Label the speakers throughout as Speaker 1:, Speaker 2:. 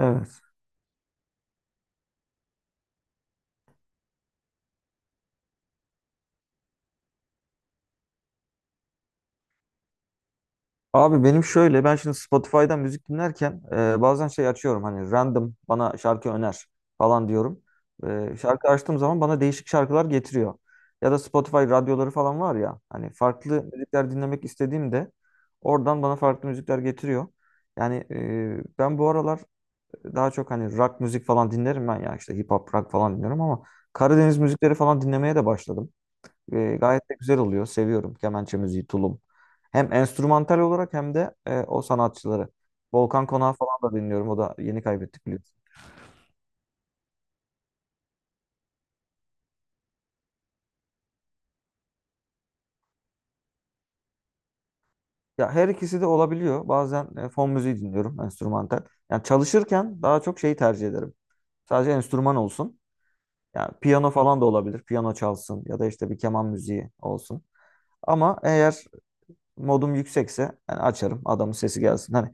Speaker 1: Evet. Abi benim şöyle ben şimdi Spotify'dan müzik dinlerken bazen şey açıyorum hani random bana şarkı öner falan diyorum. Şarkı açtığım zaman bana değişik şarkılar getiriyor. Ya da Spotify radyoları falan var ya hani farklı müzikler dinlemek istediğimde oradan bana farklı müzikler getiriyor. Yani ben bu aralar daha çok hani rock müzik falan dinlerim ben ya işte hip hop rock falan dinliyorum ama Karadeniz müzikleri falan dinlemeye de başladım. Gayet de güzel oluyor. Seviyorum kemençe müziği, tulum. Hem enstrümantal olarak hem de o sanatçıları. Volkan Konağı falan da dinliyorum. O da yeni kaybettik, biliyorsun. Ya, her ikisi de olabiliyor. Bazen fon müziği dinliyorum, enstrümantal. Yani çalışırken daha çok şeyi tercih ederim. Sadece enstrüman olsun. Yani piyano falan da olabilir. Piyano çalsın ya da işte bir keman müziği olsun. Ama eğer modum yüksekse yani açarım. Adamın sesi gelsin. Hani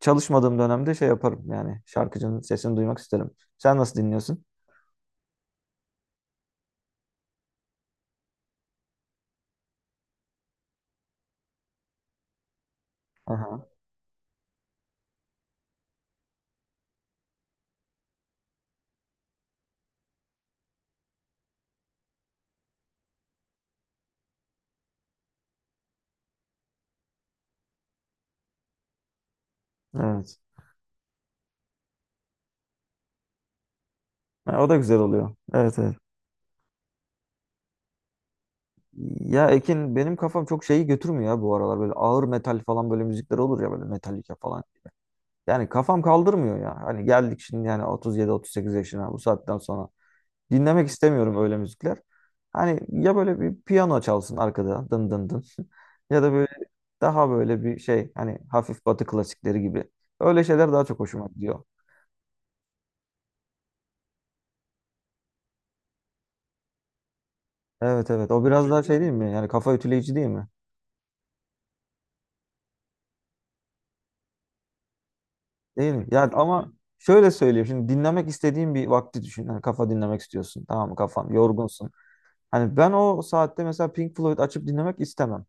Speaker 1: çalışmadığım dönemde şey yaparım yani şarkıcının sesini duymak isterim. Sen nasıl dinliyorsun? Aha. Evet. Ha, o da güzel oluyor. Evet, evet. Ya Ekin, benim kafam çok şeyi götürmüyor ya bu aralar, böyle ağır metal falan böyle müzikler olur ya, böyle Metallica falan. Yani kafam kaldırmıyor ya. Hani geldik şimdi yani 37-38 yaşına bu saatten sonra. Dinlemek istemiyorum öyle müzikler. Hani ya böyle bir piyano çalsın arkada dın dın dın. Ya da böyle daha böyle bir şey, hani hafif batı klasikleri gibi. Öyle şeyler daha çok hoşuma gidiyor. Evet, evet, o biraz daha şey değil mi? Yani kafa ütüleyici değil mi? Değil mi? Yani ama şöyle söyleyeyim, şimdi dinlemek istediğin bir vakti düşün. Hani kafa dinlemek istiyorsun, tamam mı, kafan yorgunsun. Hani ben o saatte mesela Pink Floyd açıp dinlemek istemem.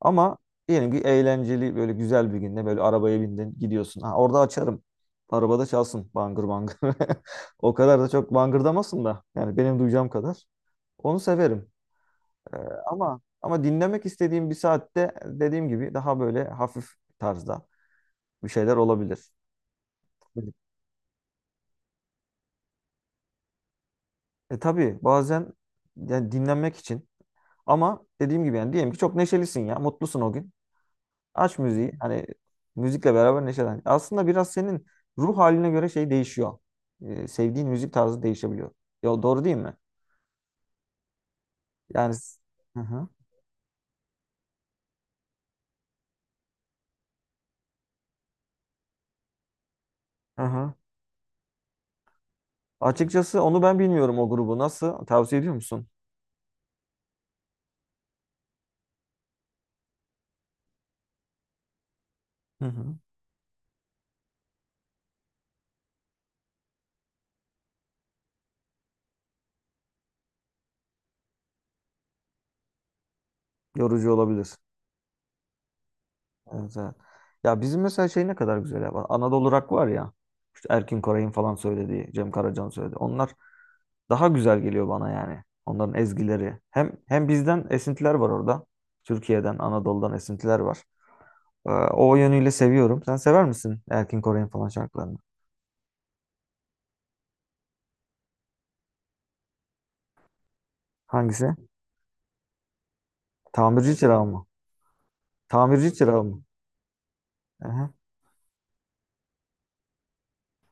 Speaker 1: Ama diyelim ki eğlenceli böyle güzel bir günde böyle arabaya bindin gidiyorsun. Ha, orada açarım. Arabada çalsın bangır bangır. O kadar da çok bangırdamasın da yani, benim duyacağım kadar. Onu severim. Ee, ama dinlemek istediğim bir saatte, dediğim gibi, daha böyle hafif tarzda bir şeyler olabilir. Evet. Tabii bazen yani dinlenmek için, ama dediğim gibi yani, diyelim ki çok neşelisin ya, mutlusun o gün. Aç müziği, hani müzikle beraber neşelen. Aslında biraz senin ruh haline göre şey değişiyor. Sevdiğin müzik tarzı değişebiliyor. Ya, doğru değil mi? Yani. Hı hı. Hı hı. Açıkçası onu ben bilmiyorum, o grubu. Nasıl? Tavsiye ediyor musun? Hı hı. Yorucu olabilir. Evet, evet. Ya bizim mesela şey ne kadar güzel ya. Anadolu Rock var ya. İşte Erkin Koray'ın falan söylediği, Cem Karaca'nın söylediği. Onlar daha güzel geliyor bana yani. Onların ezgileri. Hem bizden esintiler var orada. Türkiye'den, Anadolu'dan esintiler var. O yönüyle seviyorum. Sen sever misin Erkin Koray'ın falan şarkılarını? Hangisi? Tamirci Çırağı mı? Tamirci Çırağı mı? Aha.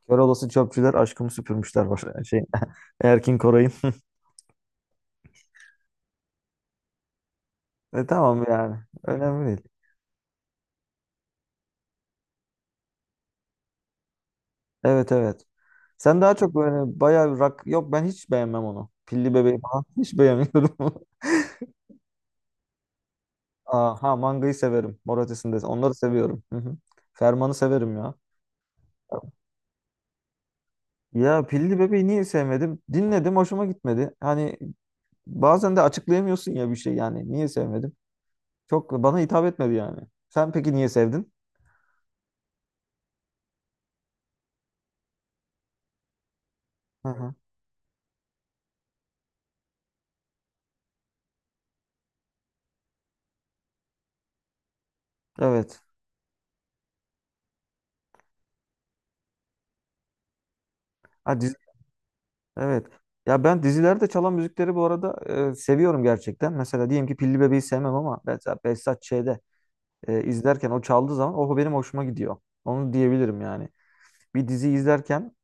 Speaker 1: Kör olası çöpçüler aşkımı süpürmüşler var. Şey, Erkin Koray'ın. Tamam yani. Önemli değil. Evet, evet. Sen daha çok böyle bayağı rock, yok ben hiç beğenmem onu. Pilli Bebeği falan hiç beğenmiyorum. Aha, mangayı severim. Mor Ötesi'nde onları seviyorum. Hı hı. Ferman'ı severim ya. Ya, Pilli Bebeği niye sevmedim? Dinledim, hoşuma gitmedi. Hani bazen de açıklayamıyorsun ya bir şey yani. Niye sevmedim? Çok bana hitap etmedi yani. Sen peki niye sevdin? Hı hı. Evet. Ha, dizi- evet. Ya ben dizilerde çalan müzikleri bu arada seviyorum gerçekten. Mesela diyelim ki Pilli Bebeği sevmem, ama mesela Behzat Ç'de izlerken o çaldığı zaman o benim hoşuma gidiyor. Onu diyebilirim yani. Bir dizi izlerken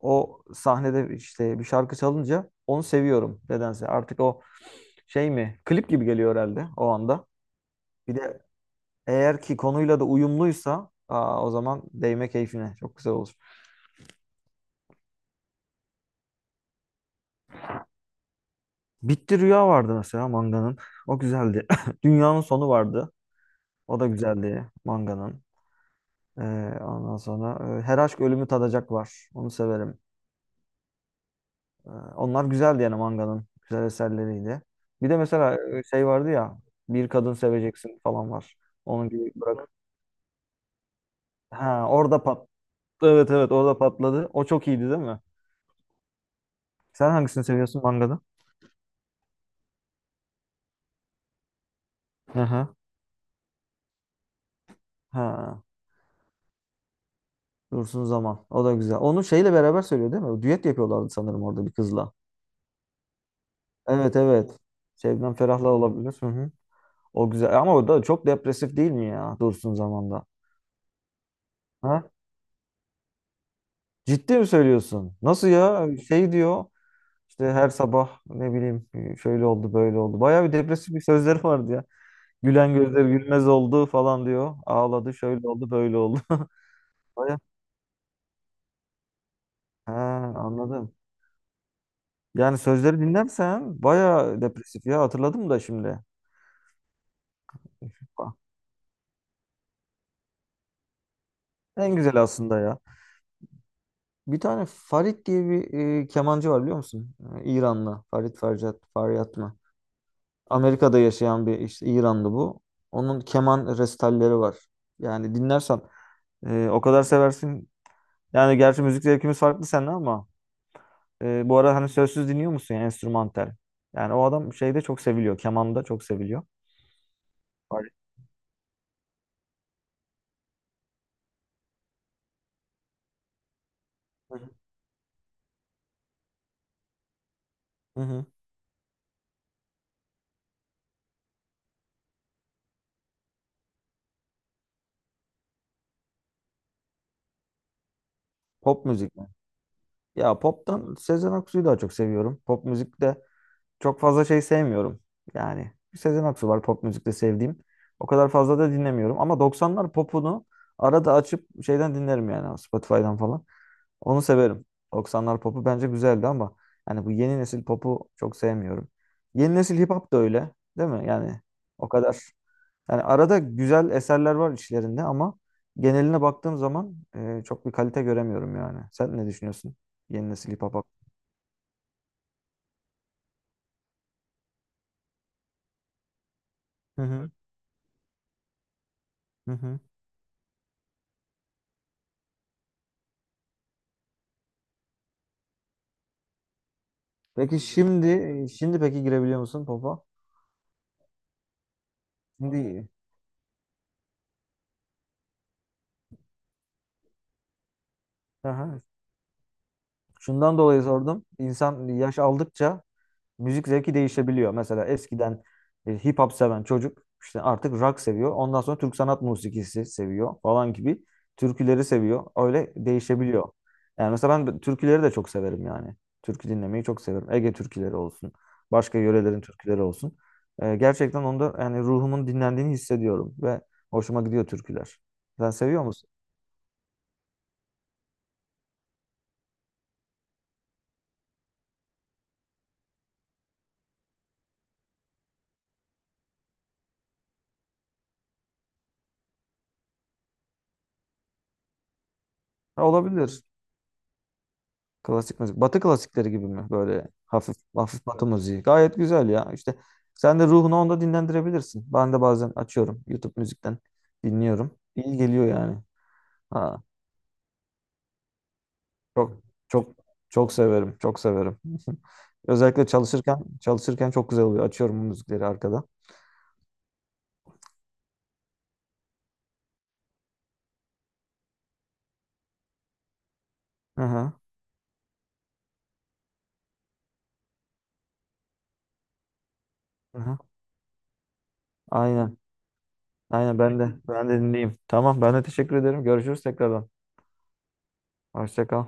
Speaker 1: o sahnede işte bir şarkı çalınca onu seviyorum nedense. Artık o şey mi? Klip gibi geliyor herhalde o anda. Bir de eğer ki konuyla da uyumluysa, aa, o zaman değme keyfine. Çok güzel olur. Bitti Rüya vardı mesela manganın. O güzeldi. Dünyanın Sonu vardı. O da güzeldi manganın. Ee, ondan sonra Her Aşk Ölümü Tadacak var. Onu severim. Ee, Onlar güzeldi yani manganın. Güzel eserleriydi. Bir de mesela şey vardı ya, Bir Kadın Seveceksin falan var. Onun gibi bırak. Ha, orada pat. Evet, evet, orada patladı. O çok iyiydi değil mi? Sen hangisini seviyorsun mangada? Hı hı. Ha. Dursun Zaman. O da güzel. Onu şeyle beraber söylüyor değil mi? Düet yapıyorlardı sanırım orada bir kızla. Evet, evet. Şebnem Ferah'la olabilir. Hı hı. O güzel. Ama o da çok depresif değil mi ya Dursun Zaman'da? Ha? Ciddi mi söylüyorsun? Nasıl ya? Şey diyor. İşte her sabah ne bileyim, şöyle oldu, böyle oldu. Bayağı bir depresif bir sözleri vardı ya. Gülen gözler gülmez oldu falan diyor. Ağladı, şöyle oldu, böyle oldu. Bayağı. He, anladım. Yani sözleri dinlersen bayağı depresif ya, hatırladım da şimdi. Ah, en güzel aslında ya. Bir tane Farid diye bir kemancı var, biliyor musun? İranlı. Farid Farjad, Faryat mı? Amerika'da yaşayan bir işte İranlı bu. Onun keman resitalleri var. Yani dinlersen o kadar seversin. Yani gerçi müzik zevkimiz farklı seninle, ama bu arada hani sözsüz dinliyor musun yani, enstrümantal? Yani o adam şeyde çok seviliyor. Kemanda çok seviliyor. Hayır. Hı hı. Hı hı. Pop müzik mi? Ya, poptan Sezen Aksu'yu daha çok seviyorum. Pop müzikte çok fazla şey sevmiyorum. Yani Sezen Aksu var pop müzikte sevdiğim. O kadar fazla da dinlemiyorum. Ama 90'lar popunu arada açıp şeyden dinlerim yani, Spotify'dan falan. Onu severim. 90'lar popu bence güzeldi, ama yani bu yeni nesil popu çok sevmiyorum. Yeni nesil hip hop da öyle, değil mi? Yani o kadar. Yani arada güzel eserler var içlerinde, ama geneline baktığım zaman çok bir kalite göremiyorum yani. Sen ne düşünüyorsun? Yeni nesil hip hop hakkında? Hı hı. Hı hı. Peki şimdi, peki girebiliyor musun popa? Şimdi aha. Şundan dolayı sordum. İnsan yaş aldıkça müzik zevki değişebiliyor. Mesela eskiden hip hop seven çocuk işte artık rock seviyor. Ondan sonra Türk sanat musikisi seviyor falan gibi. Türküleri seviyor. Öyle değişebiliyor. Yani mesela türküleri de çok severim yani. Türkü dinlemeyi çok severim. Ege türküleri olsun. Başka yörelerin türküleri olsun. Gerçekten onda yani ruhumun dinlendiğini hissediyorum ve hoşuma gidiyor türküler. Sen seviyor musun? Ha, olabilir. Klasik müzik. Batı klasikleri gibi mi? Böyle hafif hafif batı müziği. Gayet güzel ya. İşte sen de ruhunu onda dinlendirebilirsin. Ben de bazen açıyorum YouTube müzikten, dinliyorum. İyi geliyor yani. Ha, çok çok çok severim. Çok severim. Özellikle çalışırken çok güzel oluyor. Açıyorum bu müzikleri arkada. Hı hı. Hı hı. Aynen. Aynen ben de dinleyeyim. Tamam, ben de teşekkür ederim. Görüşürüz tekrardan. Hoşça kal.